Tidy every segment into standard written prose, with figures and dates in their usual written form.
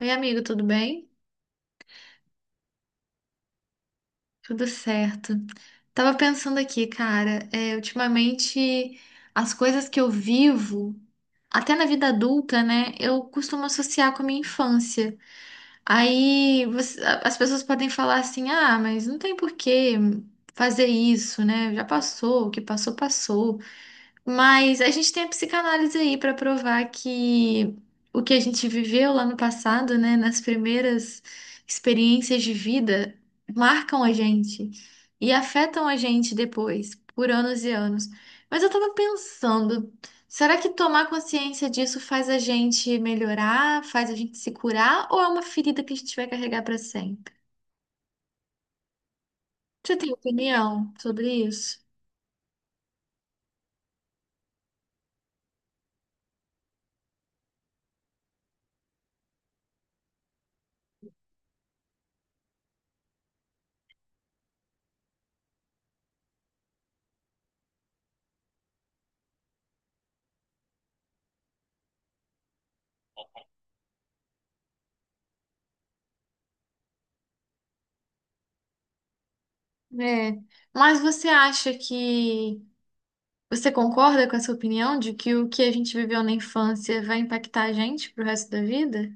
Oi, amigo, tudo bem? Tudo certo. Tava pensando aqui, cara, ultimamente as coisas que eu vivo, até na vida adulta, né, eu costumo associar com a minha infância. Aí as pessoas podem falar assim: ah, mas não tem por que fazer isso, né? Já passou, o que passou, passou. Mas a gente tem a psicanálise aí para provar que o que a gente viveu lá no passado, né, nas primeiras experiências de vida, marcam a gente e afetam a gente depois, por anos e anos. Mas eu tava pensando, será que tomar consciência disso faz a gente melhorar, faz a gente se curar, ou é uma ferida que a gente vai carregar para sempre? Você tem opinião sobre isso? É. Mas você acha que você concorda com essa opinião de que o que a gente viveu na infância vai impactar a gente pro resto da vida?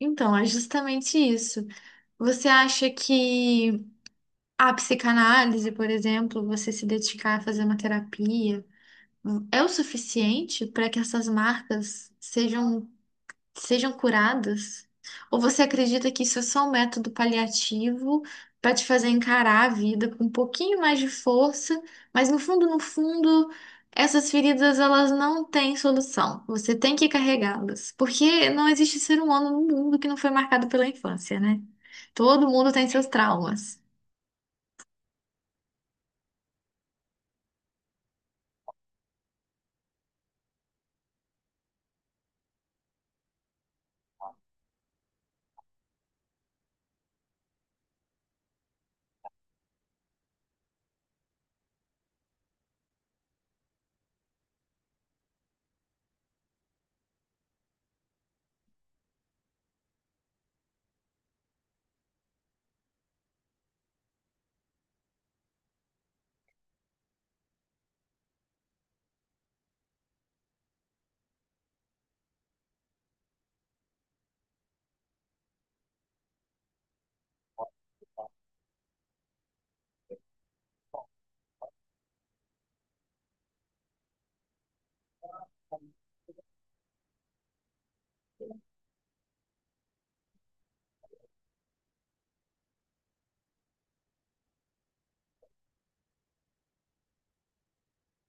Então, é justamente isso. Você acha que a psicanálise, por exemplo, você se dedicar a fazer uma terapia, é o suficiente para que essas marcas sejam curadas? Ou você acredita que isso é só um método paliativo para te fazer encarar a vida com um pouquinho mais de força, mas no fundo, no fundo, essas feridas elas não têm solução. Você tem que carregá-las, porque não existe ser humano no mundo que não foi marcado pela infância, né? Todo mundo tem seus traumas.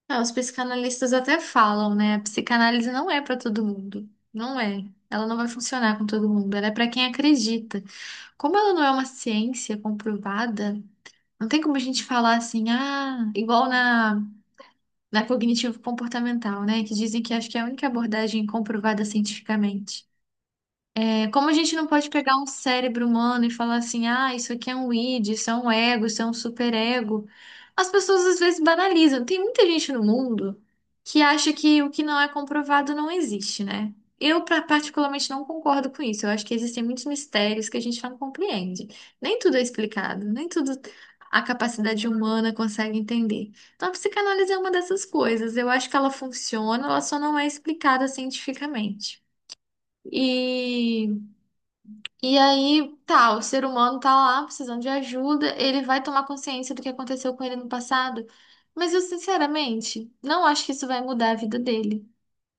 Ah, os psicanalistas até falam, né? A psicanálise não é para todo mundo. Não é. Ela não vai funcionar com todo mundo. Ela é para quem acredita. Como ela não é uma ciência comprovada, não tem como a gente falar assim, ah, igual na cognitivo-comportamental, né? Que dizem que acho que é a única abordagem comprovada cientificamente. É como a gente não pode pegar um cérebro humano e falar assim, ah, isso aqui é um id, isso é um ego, isso é um superego. As pessoas às vezes banalizam. Tem muita gente no mundo que acha que o que não é comprovado não existe, né? Eu particularmente não concordo com isso. Eu acho que existem muitos mistérios que a gente não compreende. Nem tudo é explicado, nem tudo a capacidade humana consegue entender. Então a psicanálise é uma dessas coisas. Eu acho que ela funciona, ela só não é explicada cientificamente. E e aí, tá, o ser humano tá lá precisando de ajuda, ele vai tomar consciência do que aconteceu com ele no passado, mas eu sinceramente não acho que isso vai mudar a vida dele.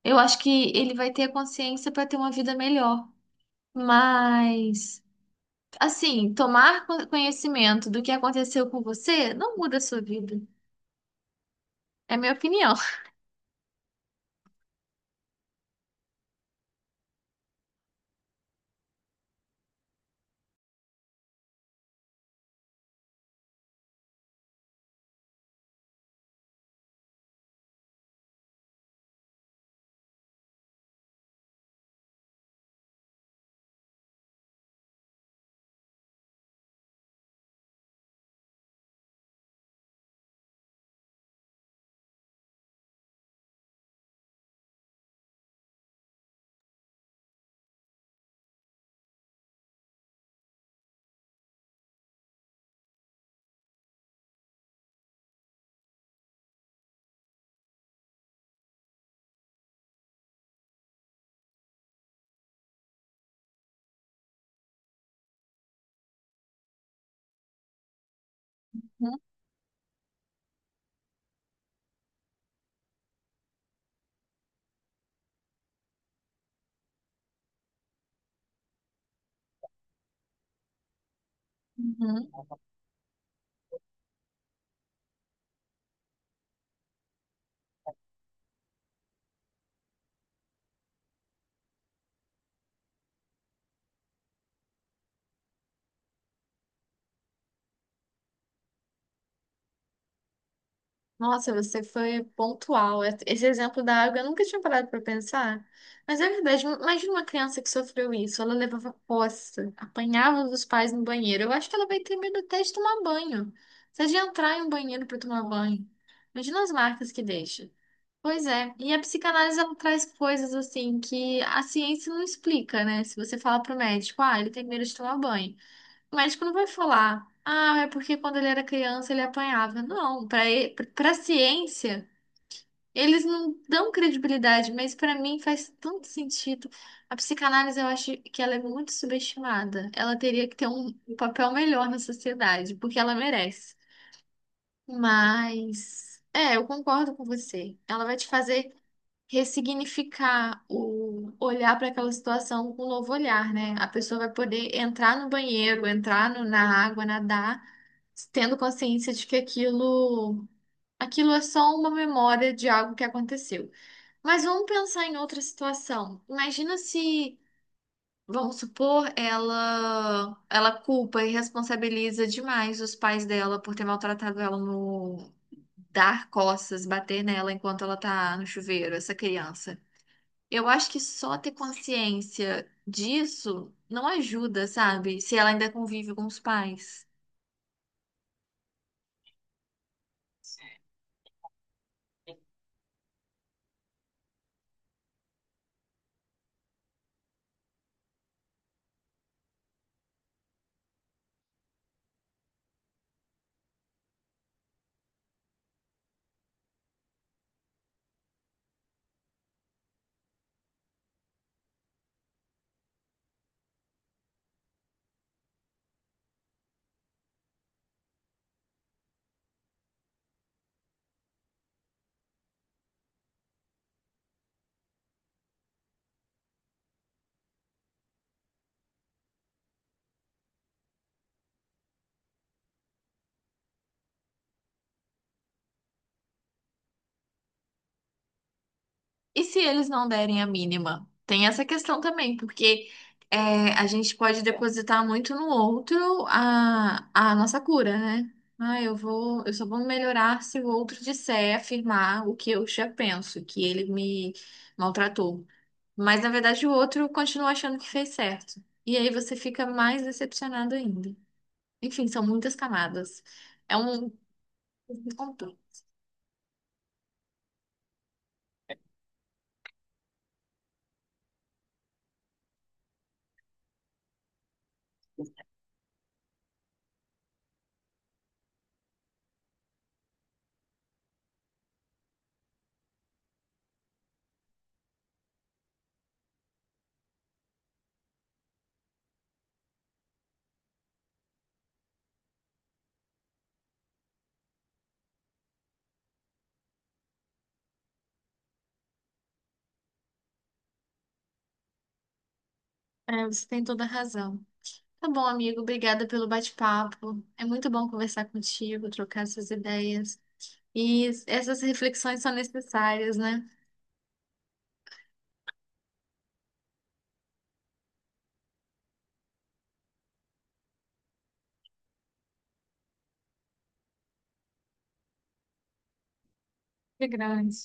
Eu acho que ele vai ter a consciência para ter uma vida melhor, mas assim, tomar conhecimento do que aconteceu com você não muda a sua vida. É a minha opinião. Nossa, você foi pontual. Esse exemplo da água eu nunca tinha parado para pensar. Mas é verdade, imagina uma criança que sofreu isso. Ela levava poça, apanhava dos pais no banheiro. Eu acho que ela vai ter medo até de tomar banho. Seja de entrar em um banheiro para tomar banho. Imagina as marcas que deixa. Pois é, e a psicanálise ela traz coisas assim que a ciência não explica, né? Se você fala pro médico, ah, ele tem medo de tomar banho. O médico não vai falar, ah, é porque quando ele era criança ele apanhava. Não, para ciência, eles não dão credibilidade, mas para mim faz tanto sentido. A psicanálise eu acho que ela é muito subestimada. Ela teria que ter um papel melhor na sociedade, porque ela merece. Mas é, eu concordo com você. Ela vai te fazer ressignificar o olhar para aquela situação com um novo olhar, né? A pessoa vai poder entrar no banheiro, entrar na água, nadar tendo consciência de que aquilo é só uma memória de algo que aconteceu. Mas vamos pensar em outra situação. Imagina se, vamos supor, ela culpa e responsabiliza demais os pais dela por ter maltratado ela no dar costas, bater nela enquanto ela tá no chuveiro, essa criança. Eu acho que só ter consciência disso não ajuda, sabe? Se ela ainda convive com os pais. E se eles não derem a mínima? Tem essa questão também, porque a gente pode depositar muito no outro a nossa cura, né? Ah, eu só vou melhorar se o outro disser, afirmar o que eu já penso, que ele me maltratou. Mas na verdade o outro continua achando que fez certo. E aí você fica mais decepcionado ainda. Enfim, são muitas camadas. É um. É, você tem toda a razão. Tá bom, amigo. Obrigada pelo bate-papo. É muito bom conversar contigo, trocar essas ideias. E essas reflexões são necessárias, né? Que grande.